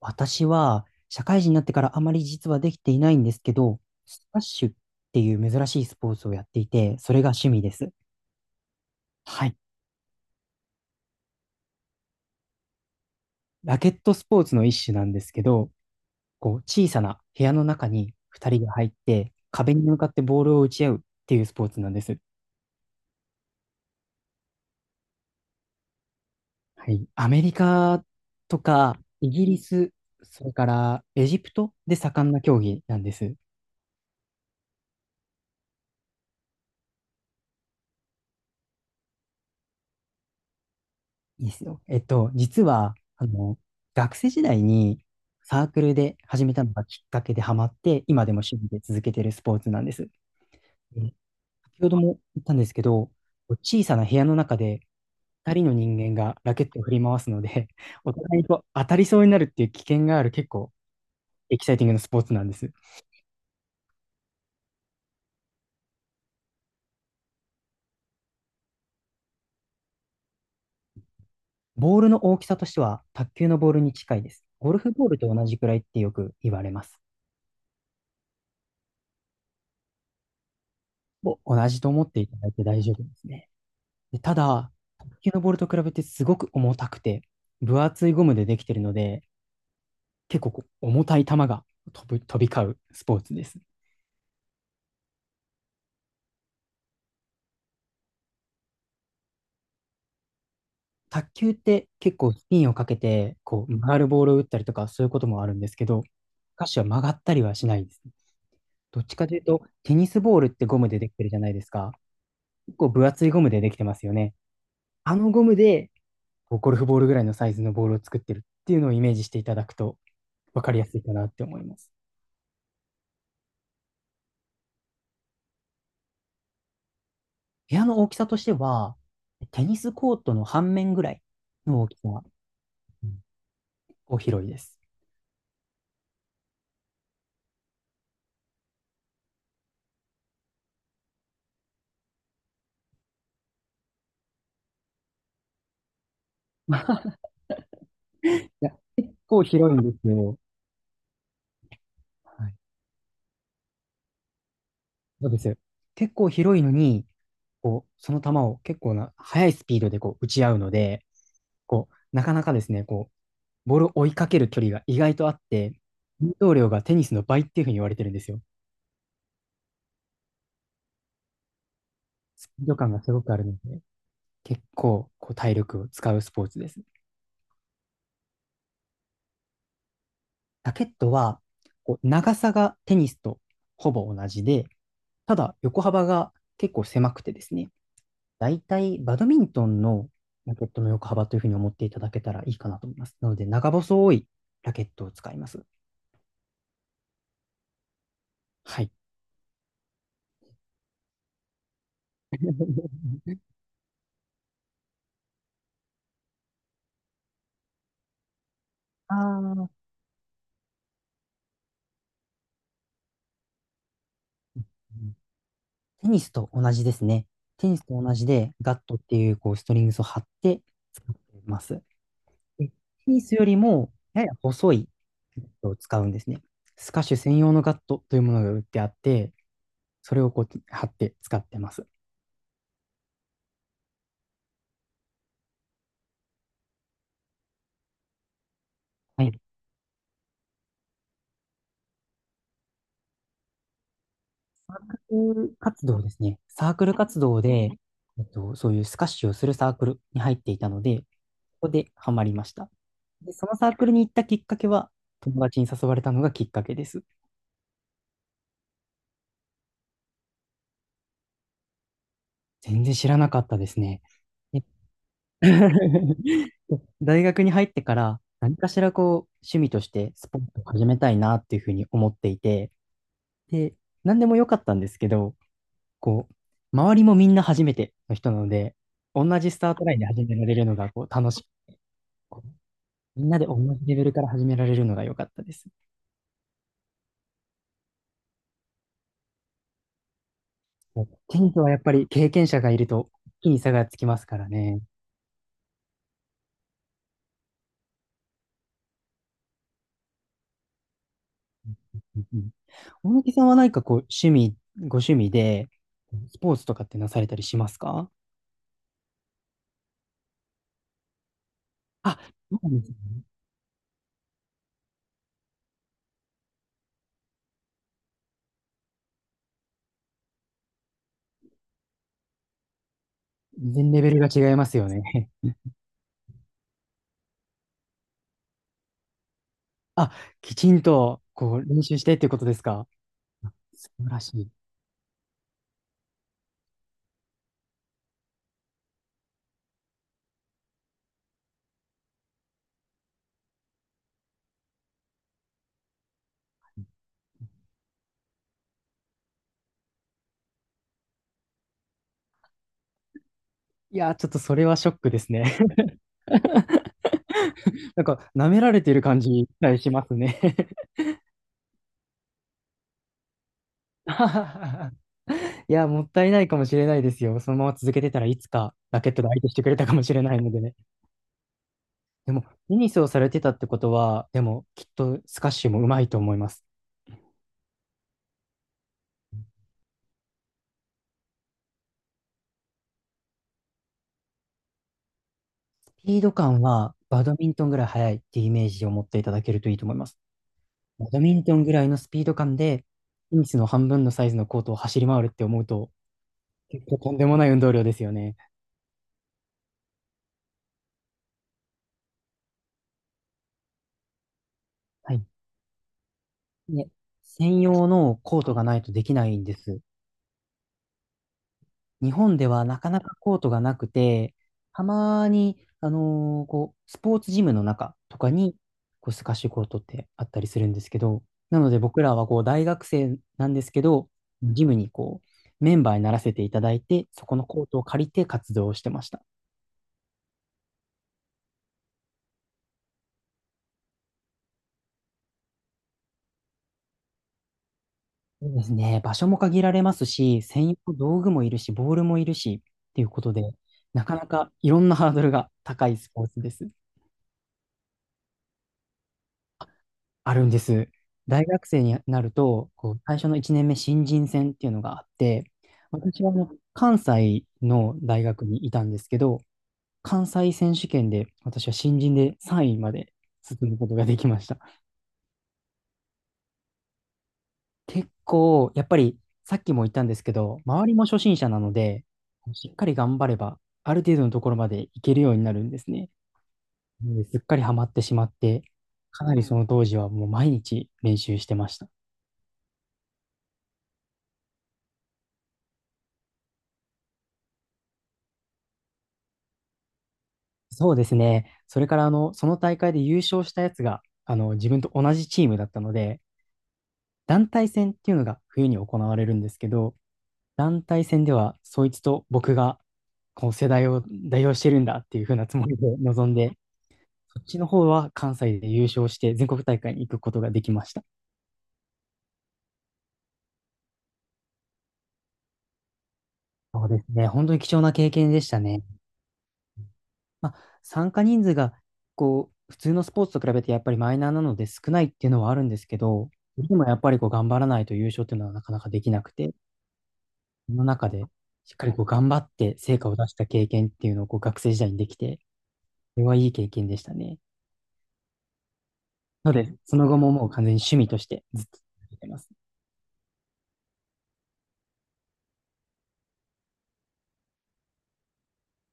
私は社会人になってからあまり実はできていないんですけど、スカッシュっていう珍しいスポーツをやっていて、それが趣味です。はい。ラケットスポーツの一種なんですけど、こう小さな部屋の中に2人が入って、壁に向かってボールを打ち合うっていうスポーツなんです。はい。アメリカとかイギリス、それからエジプトで盛んな競技なんです。いいですよ。実は、学生時代にサークルで始めたのがきっかけでハマって、今でも趣味で続けてるスポーツなんです。で先ほども言ったんですけど、小さな部屋の中で2人の人間がラケットを振り回すので、お互いと当たりそうになるっていう危険がある結構エキサイティングなスポーツなんです。ボールの大きさとしては卓球のボールに近いです。ゴルフボールと同じくらいってよく言われます。同じと思っていただいて大丈夫ですね。でただ、卓球のボールと比べてすごく重たくて、分厚いゴムでできてるので、結構こう重たい球が飛び交うスポーツです。卓球って結構スピンをかけて、こう曲がるボールを打ったりとかそういうこともあるんですけど、スカッシュは曲がったりはしないですね。どっちかというと、テニスボールってゴムでできてるじゃないですか。結構分厚いゴムでできてますよね。あのゴムで、こうゴルフボールぐらいのサイズのボールを作ってるっていうのをイメージしていただくと分かりやすいかなって思います。部屋の大きさとしては、テニスコートの半面ぐらいの大きさ、う広いです。まあ、結構広いんですよ。はい。そうですよ。結構広いのに、こう、その球を結構な、速いスピードでこう打ち合うので、こう、なかなかですね、こう、ボールを追いかける距離が意外とあって、運動量がテニスの倍っていうふうに言われてるんですよ。スピード感がすごくあるので、結構こう体力を使うスポーツです。ラケットは、こう長さがテニスとほぼ同じで、ただ横幅が結構狭くてですね、だいたいバドミントンのラケットの横幅というふうに思っていただけたらいいかなと思います。なので、長細いラケットを使います。はい。テニスと同じですね。テニスと同じで、ガットっていうこうストリングスを張って使っています。でテニスよりもやや細いガットを使うんですね。スカッシュ専用のガットというものが売ってあって、それをこう貼って使ってます。はい。サークル活動ですね。サークル活動で、そういうスカッシュをするサークルに入っていたので、ここでハマりました。で、そのサークルに行ったきっかけは、友達に誘われたのがきっかけです。全然知らなかったですね。え 大学に入ってから何かしらこう趣味としてスポーツを始めたいなっていうふうに思っていて、で、何でもよかったんですけど、こう、周りもみんな初めての人なので、同じスタートラインで始められるのが、こう、楽しく。こうみんなで同じレベルから始められるのが良かったです。もうテニスはやっぱり経験者がいると、一気に差がつきますからね。うんうん。大貫さんは何かこう、ご趣味で、スポーツとかってなされたりしますか？あ、そうなんですね。全然レベルが違いますよね。あ、きちんと、こう、練習してっていうことですか？素晴らしい。いやー、ちょっとそれはショックですね。なんか、舐められてる感じがしますね。いや、もったいないかもしれないですよ。そのまま続けてたらいつかラケットで相手してくれたかもしれないのでね。でも、テニスをされてたってことは、でも、きっとスカッシュも上手いと思います。スピード感はバドミントンぐらい速いっていうイメージを持っていただけるといいと思います。バドミントンぐらいのスピード感で、テニスの半分のサイズのコートを走り回るって思うと、結構とんでもない運動量ですよね。はい。で、専用のコートがないとできないんです。日本ではなかなかコートがなくて、たまに、こう、スポーツジムの中とかに、こう、スカッシュコートってあったりするんですけど、なので僕らはこう、大学生なんですけど、ジムにこう、メンバーにならせていただいて、そこのコートを借りて活動をしてました。そうですね。場所も限られますし、専用の道具もいるし、ボールもいるし、っていうことで、なかなかいろんなハードルが高いスポーツです。あるんです。大学生になると、こう、最初の1年目新人戦っていうのがあって、私はあの関西の大学にいたんですけど、関西選手権で私は新人で3位まで進むことができました。結構、やっぱりさっきも言ったんですけど、周りも初心者なので、しっかり頑張れば、ある程度のところまでいけるようになるんですね。なのですっかりハマってしまって、かなりその当時はもう毎日練習してました。そうですね。それから、その大会で優勝したやつが、自分と同じチームだったので、団体戦っていうのが冬に行われるんですけど、団体戦では、そいつと僕が、こう、世代を代表してるんだっていう風なつもりで臨んで、そっちの方は関西で優勝して全国大会に行くことができました。そうですね。本当に貴重な経験でしたね。まあ、参加人数が、こう、普通のスポーツと比べてやっぱりマイナーなので少ないっていうのはあるんですけど、でもやっぱりこう頑張らないと優勝っていうのはなかなかできなくて、その中でしっかりこう頑張って成果を出した経験っていうのをこう学生時代にできて、それはいい経験でしたね。ので、その後ももう完全に趣味としてずっと続けてます。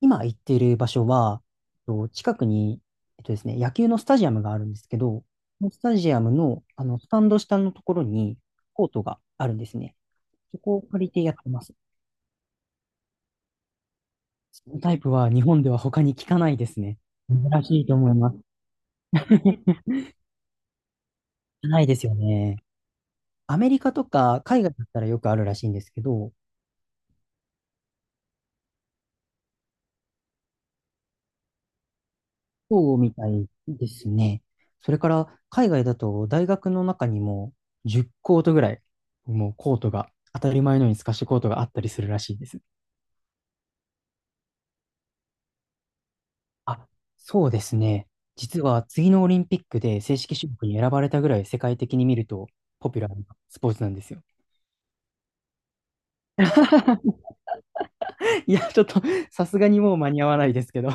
今行っている場所は、近くに、ですね、野球のスタジアムがあるんですけど、そのスタジアムの、あのスタンド下のところにコートがあるんですね。そこを借りてやってます。そのタイプは日本では他に聞かないですね。珍しいと思います。ないですよね。アメリカとか海外だったらよくあるらしいんですけど、そうみたいですね。それから海外だと大学の中にも10コートぐらい、もうコートが、当たり前のように透かしコートがあったりするらしいです。あ、そうですね。実は次のオリンピックで正式種目に選ばれたぐらい世界的に見るとポピュラーなスポーツなんですよ。いや、ちょっと、さすがにもう間に合わないですけど。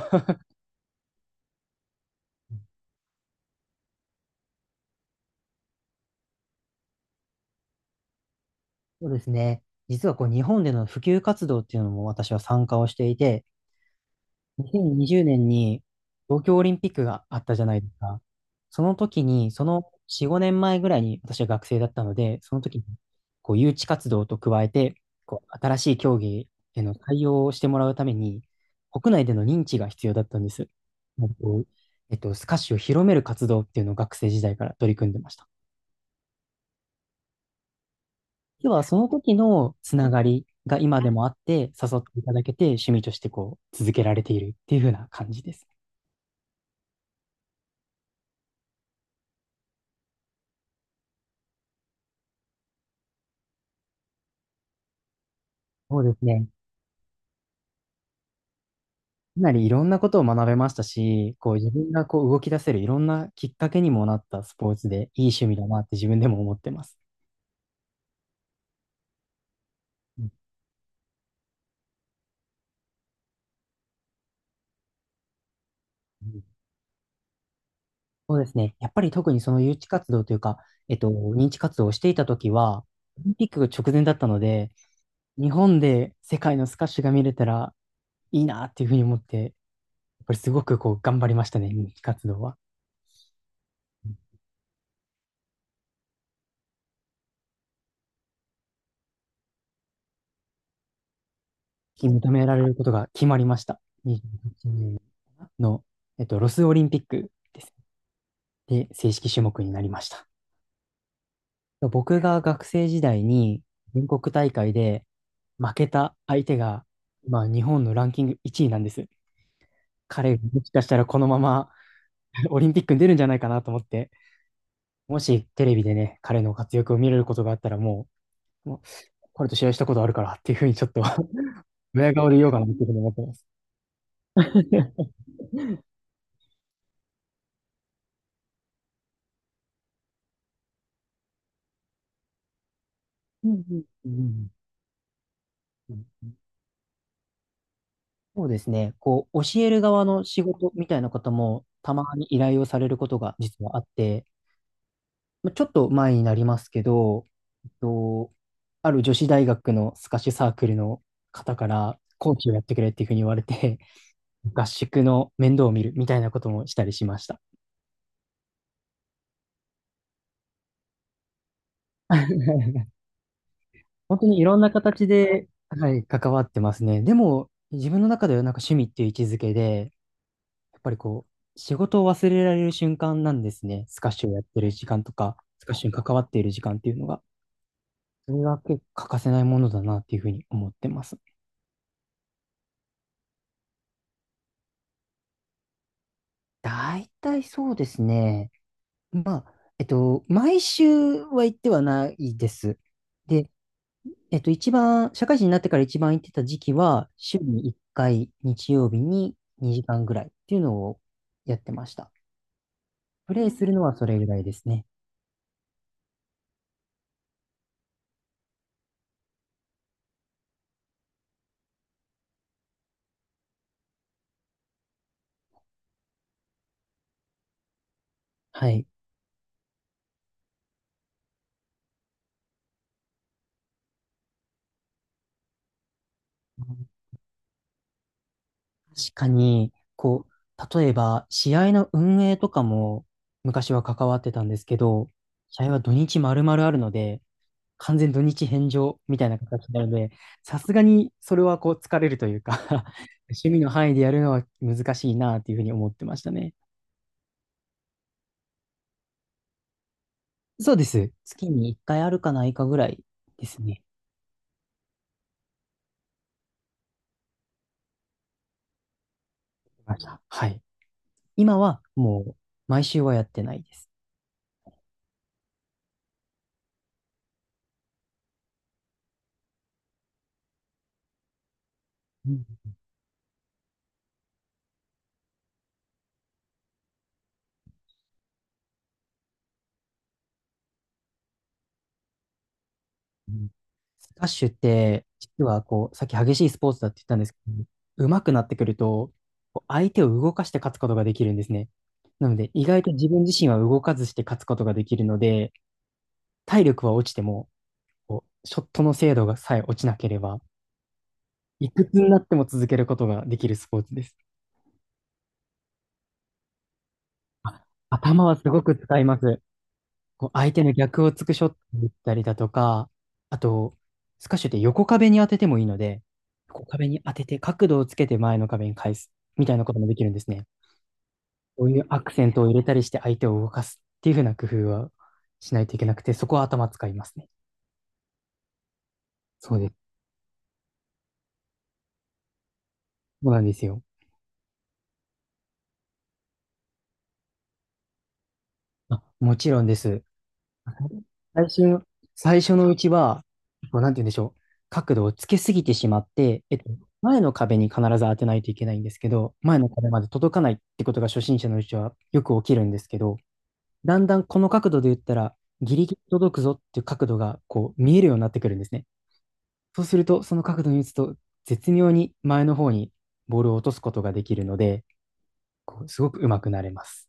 そうですね。実はこう日本での普及活動っていうのも私は参加をしていて、2020年にじゅうねんに東京オリンピックがあったじゃないですか。その時に、その4、5年前ぐらいに私は学生だったので、その時にこう誘致活動と加えて、こう新しい競技への対応をしてもらうために、国内での認知が必要だったんです。もうこうスカッシュを広める活動っていうのを学生時代から取り組んでました。要はその時のつながりが今でもあって、誘っていただけて趣味としてこう続けられているっていう風な感じです。そうですね。かなりいろんなことを学べましたし、こう自分がこう動き出せるいろんなきっかけにもなったスポーツでいい趣味だなって自分でも思ってます。うんうん。そうですね。やっぱり特にその誘致活動というか、認知活動をしていた時は、オリンピックが直前だったので、日本で世界のスカッシュが見れたらいいなっていうふうに思って、っぱりすごくこう頑張りましたね、人気活動は。認められることが決まりました。28年の、ロスオリンピックです。で、正式種目になりました。僕が学生時代に全国大会で負けた相手が、まあ、日本のランキング1位なんです。彼がもしかしたらこのまま オリンピックに出るんじゃないかなと思って、もしテレビでね、彼の活躍を見れることがあったらもう彼と試合したことあるからっていうふうにちょっと ドヤ顔で 言おうかなっていうふうに思ってます。うんうんうんうんうん。そうですね。こう、教える側の仕事みたいな方もたまに依頼をされることが実はあって、まあちょっと前になりますけど、えっと、ある女子大学のスカッシュサークルの方からコーチをやってくれっていうふうに言われて、合宿の面倒を見るみたいなこともしたりしました。本当にいろんな形で、はい、関わってますね。でも、自分の中ではなんか趣味っていう位置づけで、やっぱりこう、仕事を忘れられる瞬間なんですね。スカッシュをやってる時間とか、スカッシュに関わっている時間っていうのが、それが結構欠かせないものだなっていうふうに思ってます。大体そうですね。まあ、毎週は行ってはないです。で、社会人になってから一番行ってた時期は、週に1回、日曜日に2時間ぐらいっていうのをやってました。プレイするのはそれぐらいですね。はい。確かに、こう、例えば、試合の運営とかも昔は関わってたんですけど、試合は土日丸々あるので、完全土日返上みたいな形になるので、さすがにそれはこう疲れるというか、 趣味の範囲でやるのは難しいなというふうに思ってましたね。そうです。月に1回あるかないかぐらいですね。ましたはい。今はもう毎週はやってないです。うん。スカッシュって、実はこう、さっき激しいスポーツだって言ったんですけど、上手くなってくると、こう相手を動かして勝つことができるんですね。なので、意外と自分自身は動かずして勝つことができるので、体力は落ちても、こう、ショットの精度がさえ落ちなければ、いくつになっても続けることができるスポーツです。あ、頭はすごく使います。こう相手の逆をつくショットをったりだとか、あと、スカッシュって横壁に当ててもいいので、横壁に当てて角度をつけて前の壁に返すみたいなこともできるんですね。こういうアクセントを入れたりして相手を動かすっていうふうな工夫はしないといけなくて、そこは頭使いますね。そうです。そうなんですよ。あ、もちろんです。最初、最初のうちは、こうなんて言うんでしょう。角度をつけすぎてしまって、前の壁に必ず当てないといけないんですけど、前の壁まで届かないってことが初心者のうちはよく起きるんですけど、だんだんこの角度で言ったら、ギリギリ届くぞっていう角度がこう見えるようになってくるんですね。そうすると、その角度に打つと、絶妙に前の方にボールを落とすことができるので、こうすごく上手くなれます。